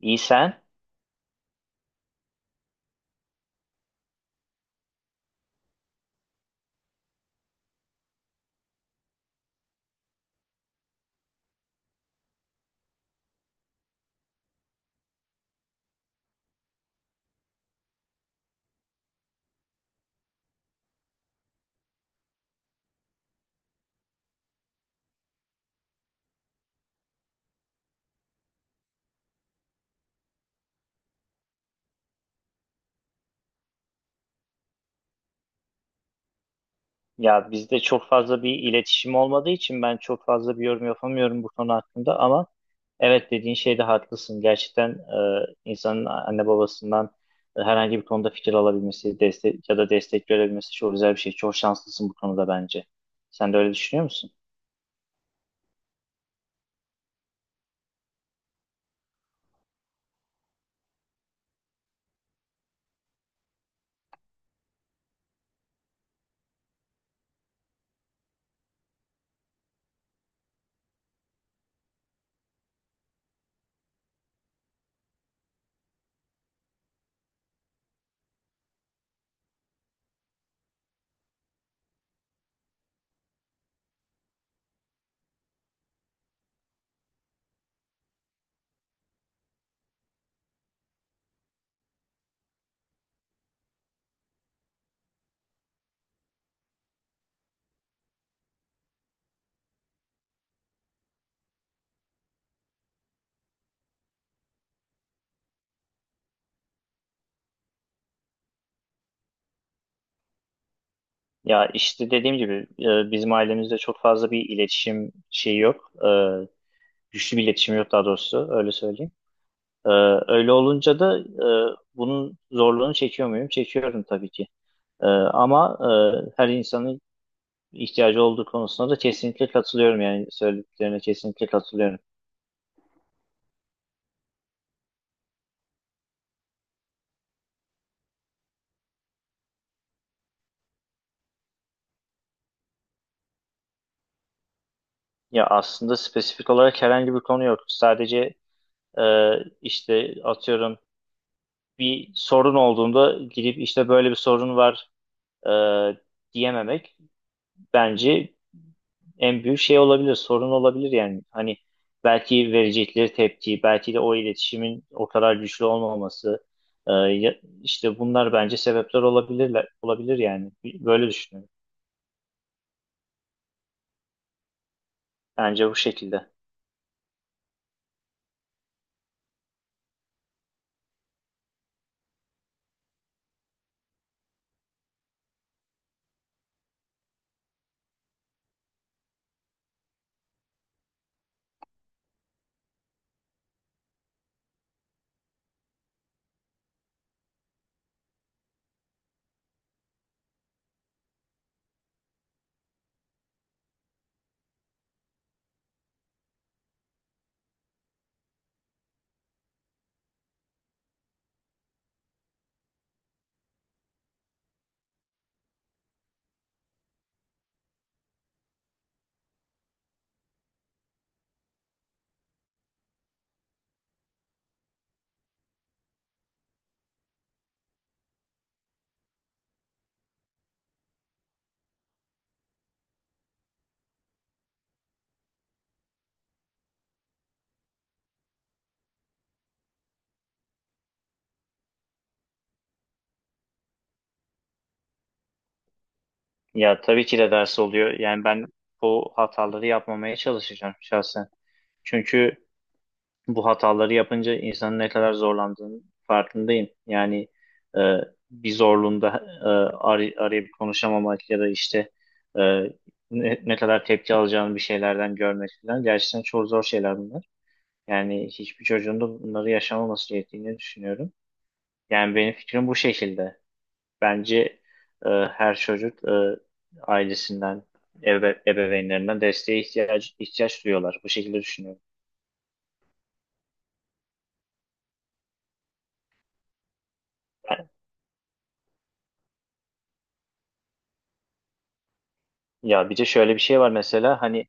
İyi sen? Ya bizde çok fazla bir iletişim olmadığı için ben çok fazla bir yorum yapamıyorum bu konu hakkında ama evet dediğin şeyde haklısın. Gerçekten insanın anne babasından herhangi bir konuda fikir alabilmesi, destek ya da destek görebilmesi çok güzel bir şey. Çok şanslısın bu konuda bence. Sen de öyle düşünüyor musun? Ya işte dediğim gibi bizim ailemizde çok fazla bir iletişim şeyi yok. E, güçlü bir iletişim yok daha doğrusu öyle söyleyeyim. Ee, Öyle olunca da bunun zorluğunu çekiyor muyum? Çekiyorum tabii ki. Ama her insanın ihtiyacı olduğu konusunda da kesinlikle katılıyorum. Yani söylediklerine kesinlikle katılıyorum. Ya aslında spesifik olarak herhangi bir konu yok. Sadece e, işte atıyorum bir sorun olduğunda gidip işte böyle bir sorun var e, diyememek. Bence en büyük şey olabilir, sorun olabilir yani. Hani belki verecekleri tepki, belki de o iletişimin o kadar güçlü olmaması, e, ya- işte bunlar bence sebepler olabilirler, olabilir yani. Böyle düşünüyorum. Bence bu şekilde. Ya tabii ki de ders oluyor. Yani ben bu hataları yapmamaya çalışacağım şahsen. Çünkü bu hataları yapınca insanın ne kadar zorlandığını farkındayım. Yani e, bir zorluğunda e, arayıp konuşamamak ya da işte e, ne kadar tepki alacağını bir şeylerden görmek falan gerçekten çok zor şeyler bunlar. Yani hiçbir çocuğun da bunları yaşamaması gerektiğini düşünüyorum. Yani benim fikrim bu şekilde. Bence her çocuk ailesinden, ebeveynlerinden desteğe ihtiyaç duyuyorlar. Bu şekilde düşünüyorum. Ya bir de şöyle bir şey var mesela hani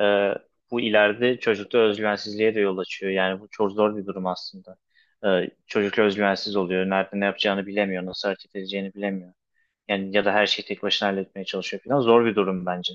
e, bu ileride çocukta özgüvensizliğe de yol açıyor. Yani bu çok zor bir durum aslında. E, çocuk özgüvensiz oluyor. Nerede ne yapacağını bilemiyor. Nasıl hareket edeceğini bilemiyor. Yani ya da her şeyi tek başına halletmeye çalışıyor falan. Zor bir durum bence.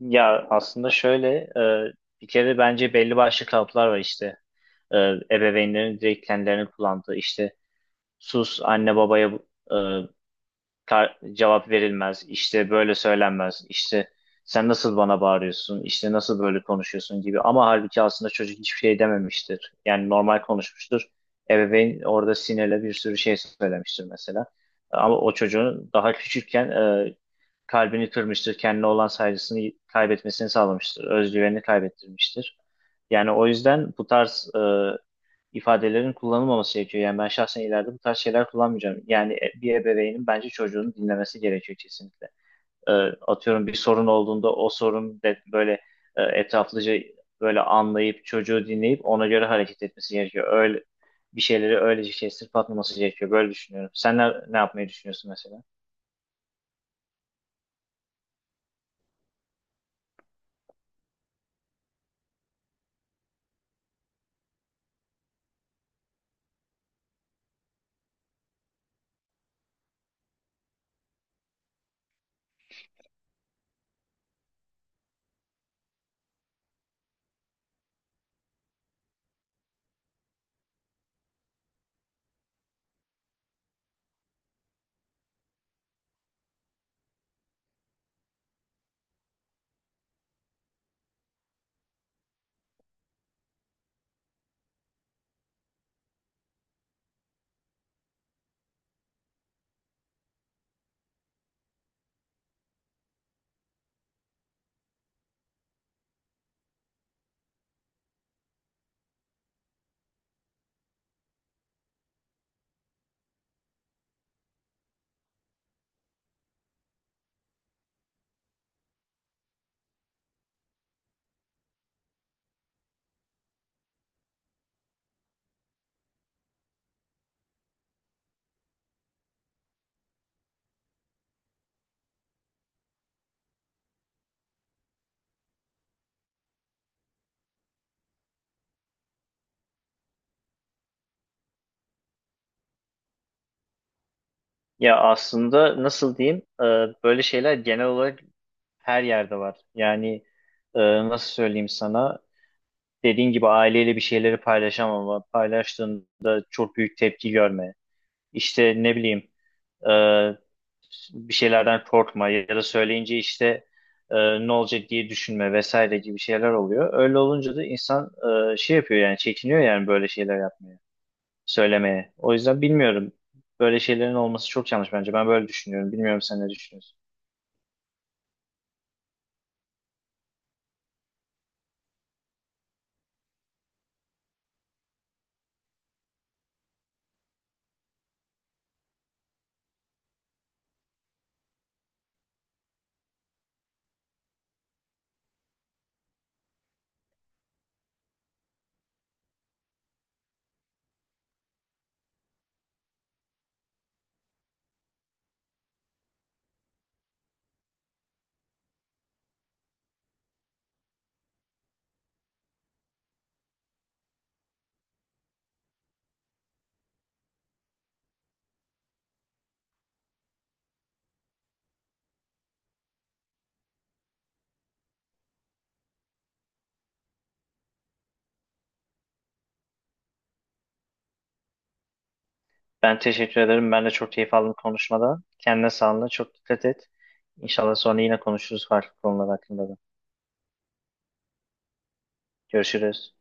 Ya aslında şöyle e, bir kere bence belli başlı kalıplar var işte. E, ebeveynlerin direkt kendilerini kullandığı işte sus anne babaya e, cevap verilmez, işte böyle söylenmez, işte sen nasıl bana bağırıyorsun, işte nasıl böyle konuşuyorsun gibi. Ama halbuki aslında çocuk hiçbir şey dememiştir. Yani normal konuşmuştur. Ebeveyn orada sinirle bir sürü şey söylemiştir mesela. Ama o çocuğun daha küçükken kalbini kırmıştır, kendine olan saygısını kaybetmesini sağlamıştır, özgüvenini kaybettirmiştir. Yani o yüzden bu tarz ifadelerin kullanılmaması gerekiyor. Yani ben şahsen ileride bu tarz şeyler kullanmayacağım. Yani bir ebeveynin bence çocuğunu dinlemesi gerekiyor kesinlikle. Ee, Atıyorum bir sorun olduğunda o sorun de böyle etraflıca böyle anlayıp çocuğu dinleyip ona göre hareket etmesi gerekiyor. Öyle bir şeyleri öylece kestirip atmaması gerekiyor. Böyle düşünüyorum. Sen ne yapmayı düşünüyorsun mesela? Ya aslında nasıl diyeyim? Böyle şeyler genel olarak her yerde var. Yani e, nasıl söyleyeyim sana? Dediğin gibi aileyle bir şeyleri paylaşamama, paylaştığında çok büyük tepki görme, işte ne bileyim e, bir şeylerden korkma ya da söyleyince işte e, ne olacak diye düşünme vesaire gibi şeyler oluyor. Öyle olunca da insan şey yapıyor yani çekiniyor yani böyle şeyler yapmaya, söylemeye. O yüzden bilmiyorum. Böyle şeylerin olması çok yanlış bence. Ben böyle düşünüyorum. Bilmiyorum sen ne düşünüyorsun? Ben teşekkür ederim. Ben de çok keyif aldım konuşmada. Kendine sağlığına çok dikkat et. İnşallah sonra yine konuşuruz farklı konular hakkında da. Görüşürüz.